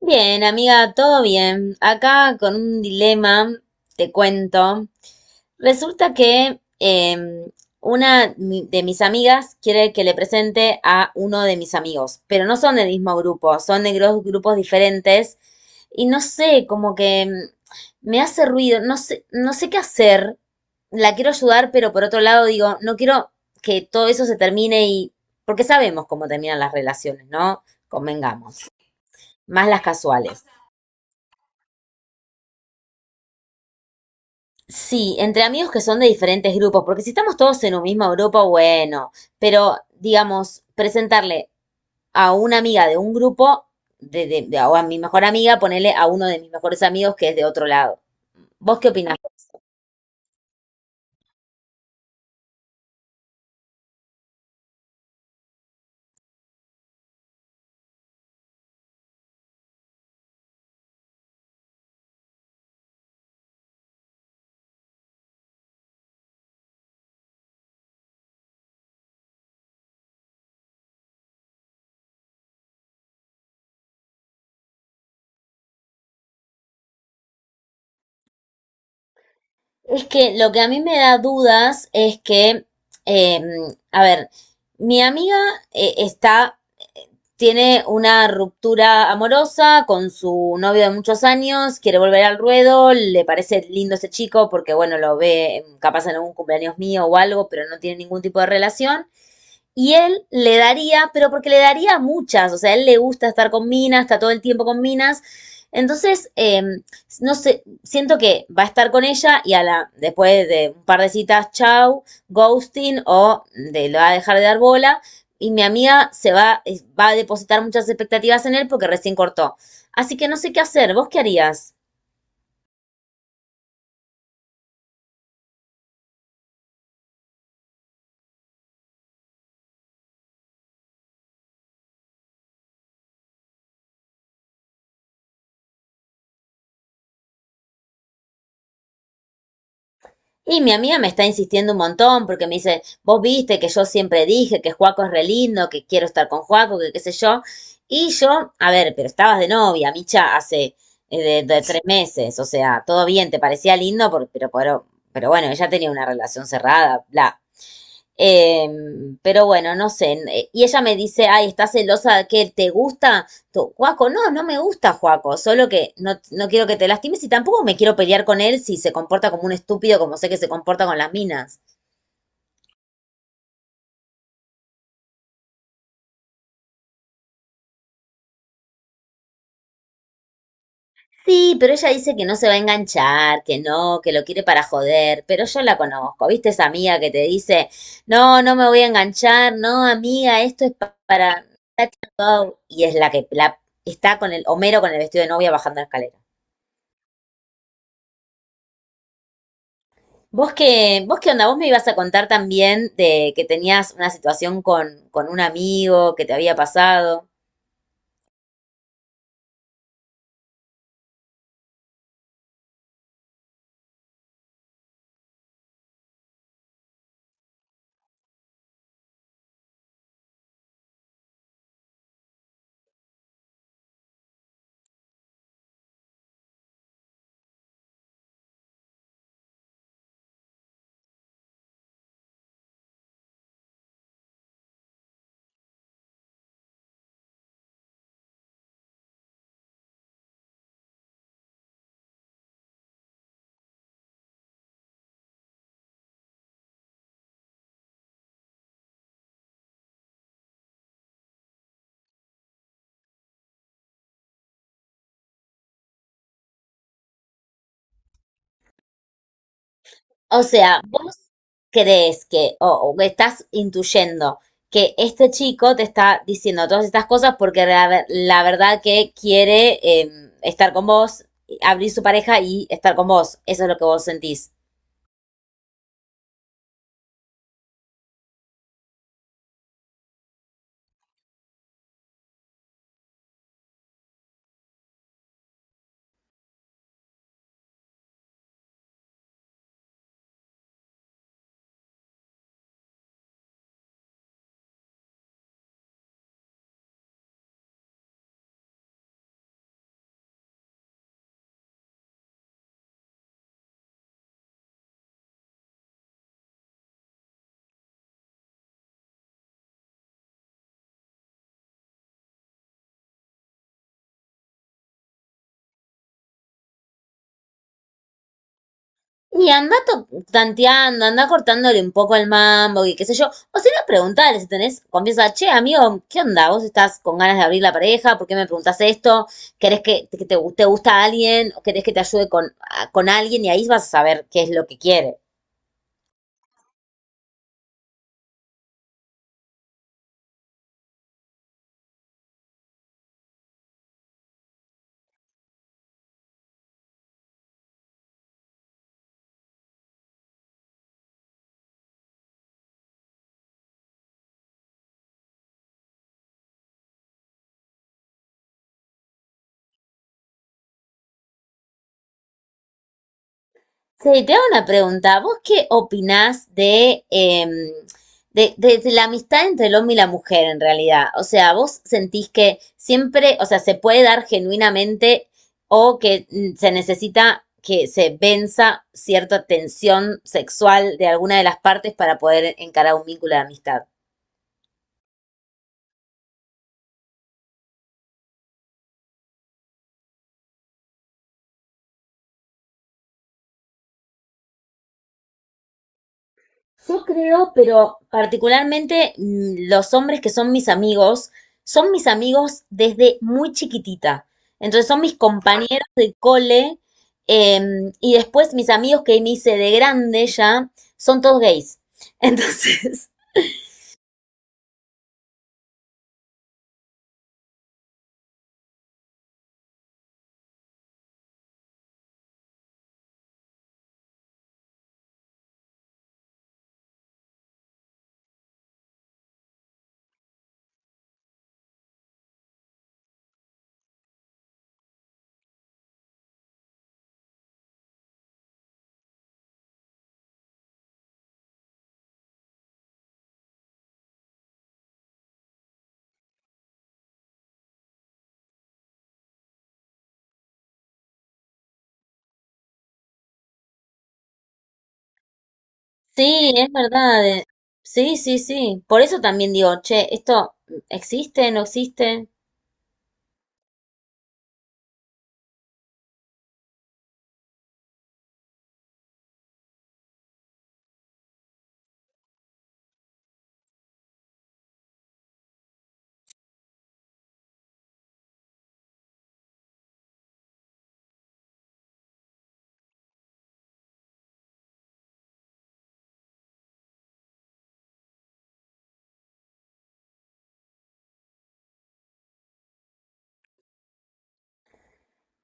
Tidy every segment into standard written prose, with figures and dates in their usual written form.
Bien, amiga, todo bien. Acá con un dilema, te cuento. Resulta que una de mis amigas quiere que le presente a uno de mis amigos, pero no son del mismo grupo, son de grupos diferentes. Y no sé, como que me hace ruido, no sé, no sé qué hacer. La quiero ayudar, pero por otro lado digo, no quiero que todo eso se termine y porque sabemos cómo terminan las relaciones, ¿no? Convengamos. Más las casuales. Sí, entre amigos que son de diferentes grupos, porque si estamos todos en un mismo grupo, bueno, pero digamos, presentarle a una amiga de un grupo, o a mi mejor amiga, ponerle a uno de mis mejores amigos que es de otro lado. ¿Vos qué opinás? Es que lo que a mí me da dudas es que, eh, a ver, mi amiga está, tiene una ruptura amorosa con su novio de muchos años, quiere volver al ruedo, le parece lindo ese chico porque, bueno, lo ve capaz en algún cumpleaños mío o algo, pero no tiene ningún tipo de relación. Y él le daría, pero porque le daría muchas, o sea, a él le gusta estar con minas, está todo el tiempo con minas. Entonces, no sé, siento que va a estar con ella y a la, después de un par de citas, chau, ghosting o de, le va a dejar de dar bola. Y mi amiga se va, va a depositar muchas expectativas en él porque recién cortó. Así que no sé qué hacer, ¿vos qué harías? Y mi amiga me está insistiendo un montón porque me dice, vos viste que yo siempre dije que Juaco es re lindo, que quiero estar con Juaco, que qué sé yo. Y yo, a ver, pero estabas de novia, Micha, hace de tres meses, o sea, todo bien, te parecía lindo, pero bueno, ella tenía una relación cerrada, bla. Eh, pero bueno, no sé. Y ella me dice, ay, ¿estás celosa de que te gusta? Juaco, no, no me gusta Juaco, solo que no, no quiero que te lastimes y tampoco me quiero pelear con él si se comporta como un estúpido, como sé que se comporta con las minas. Sí, pero ella dice que no se va a enganchar, que no, que lo quiere para joder, pero yo la conozco, ¿viste esa amiga que te dice, no, no me voy a enganchar, no, amiga, esto es para... Y es la que la, está con el Homero con el vestido de novia bajando la escalera. Vos qué onda? Vos me ibas a contar también de que tenías una situación con un amigo que te había pasado. O sea, vos crees que, o que estás intuyendo que este chico te está diciendo todas estas cosas porque la, la verdad que quiere estar con vos, abrir su pareja y estar con vos. Eso es lo que vos sentís. Y anda tanteando, anda cortándole un poco el mambo y qué sé yo. O si no, preguntale si tenés confianza. Che, amigo, ¿qué onda? ¿Vos estás con ganas de abrir la pareja? ¿Por qué me preguntás esto? ¿Querés que te gusta alguien? ¿O querés que te ayude con, con alguien? Y ahí vas a saber qué es lo que quiere. Sí, te hago una pregunta. ¿Vos qué opinás de, de la amistad entre el hombre y la mujer en realidad? O sea, ¿vos sentís que siempre, o sea, se puede dar genuinamente o que se necesita que se venza cierta tensión sexual de alguna de las partes para poder encarar un vínculo de amistad? Yo creo, pero particularmente los hombres que son mis amigos desde muy chiquitita. Entonces son mis compañeros de cole y después mis amigos que me hice de grande ya, son todos gays. Entonces, sí, es verdad. Sí, sí, sí. Por eso también digo, che, ¿esto existe, no existe?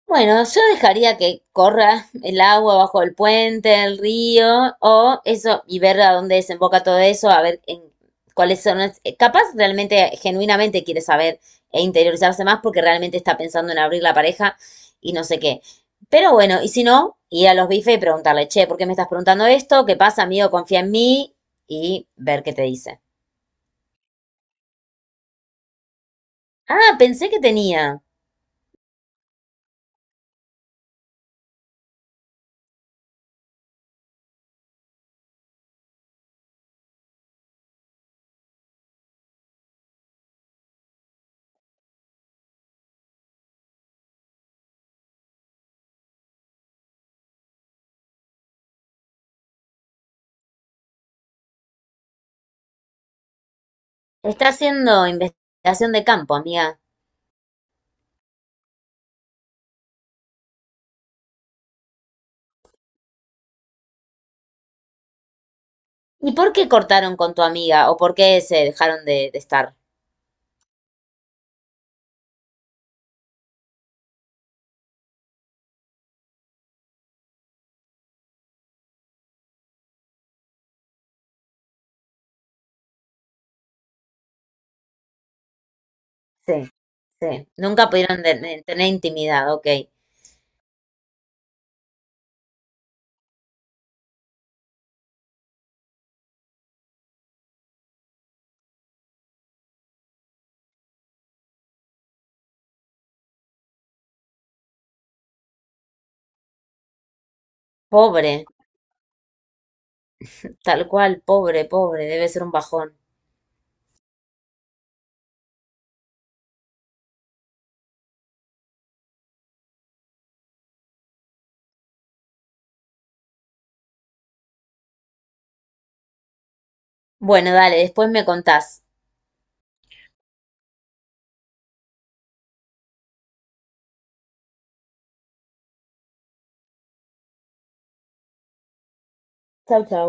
Bueno, yo dejaría que corra el agua bajo el puente, el río, o eso, y ver a dónde desemboca todo eso, a ver en cuáles son. Capaz realmente, genuinamente quiere saber e interiorizarse más porque realmente está pensando en abrir la pareja y no sé qué. Pero bueno, y si no, ir a los bifes y preguntarle, che, ¿por qué me estás preguntando esto? ¿Qué pasa, amigo? Confía en mí y ver qué te dice. Ah, pensé que tenía. Está haciendo investigación de campo, amiga. ¿Y por qué cortaron con tu amiga? ¿O por qué se dejaron de estar? Sí, sí. Sí, nunca pudieron de tener intimidad, ok. Pobre, tal cual, pobre, pobre, debe ser un bajón. Bueno, dale, después me contás. Chau, chau.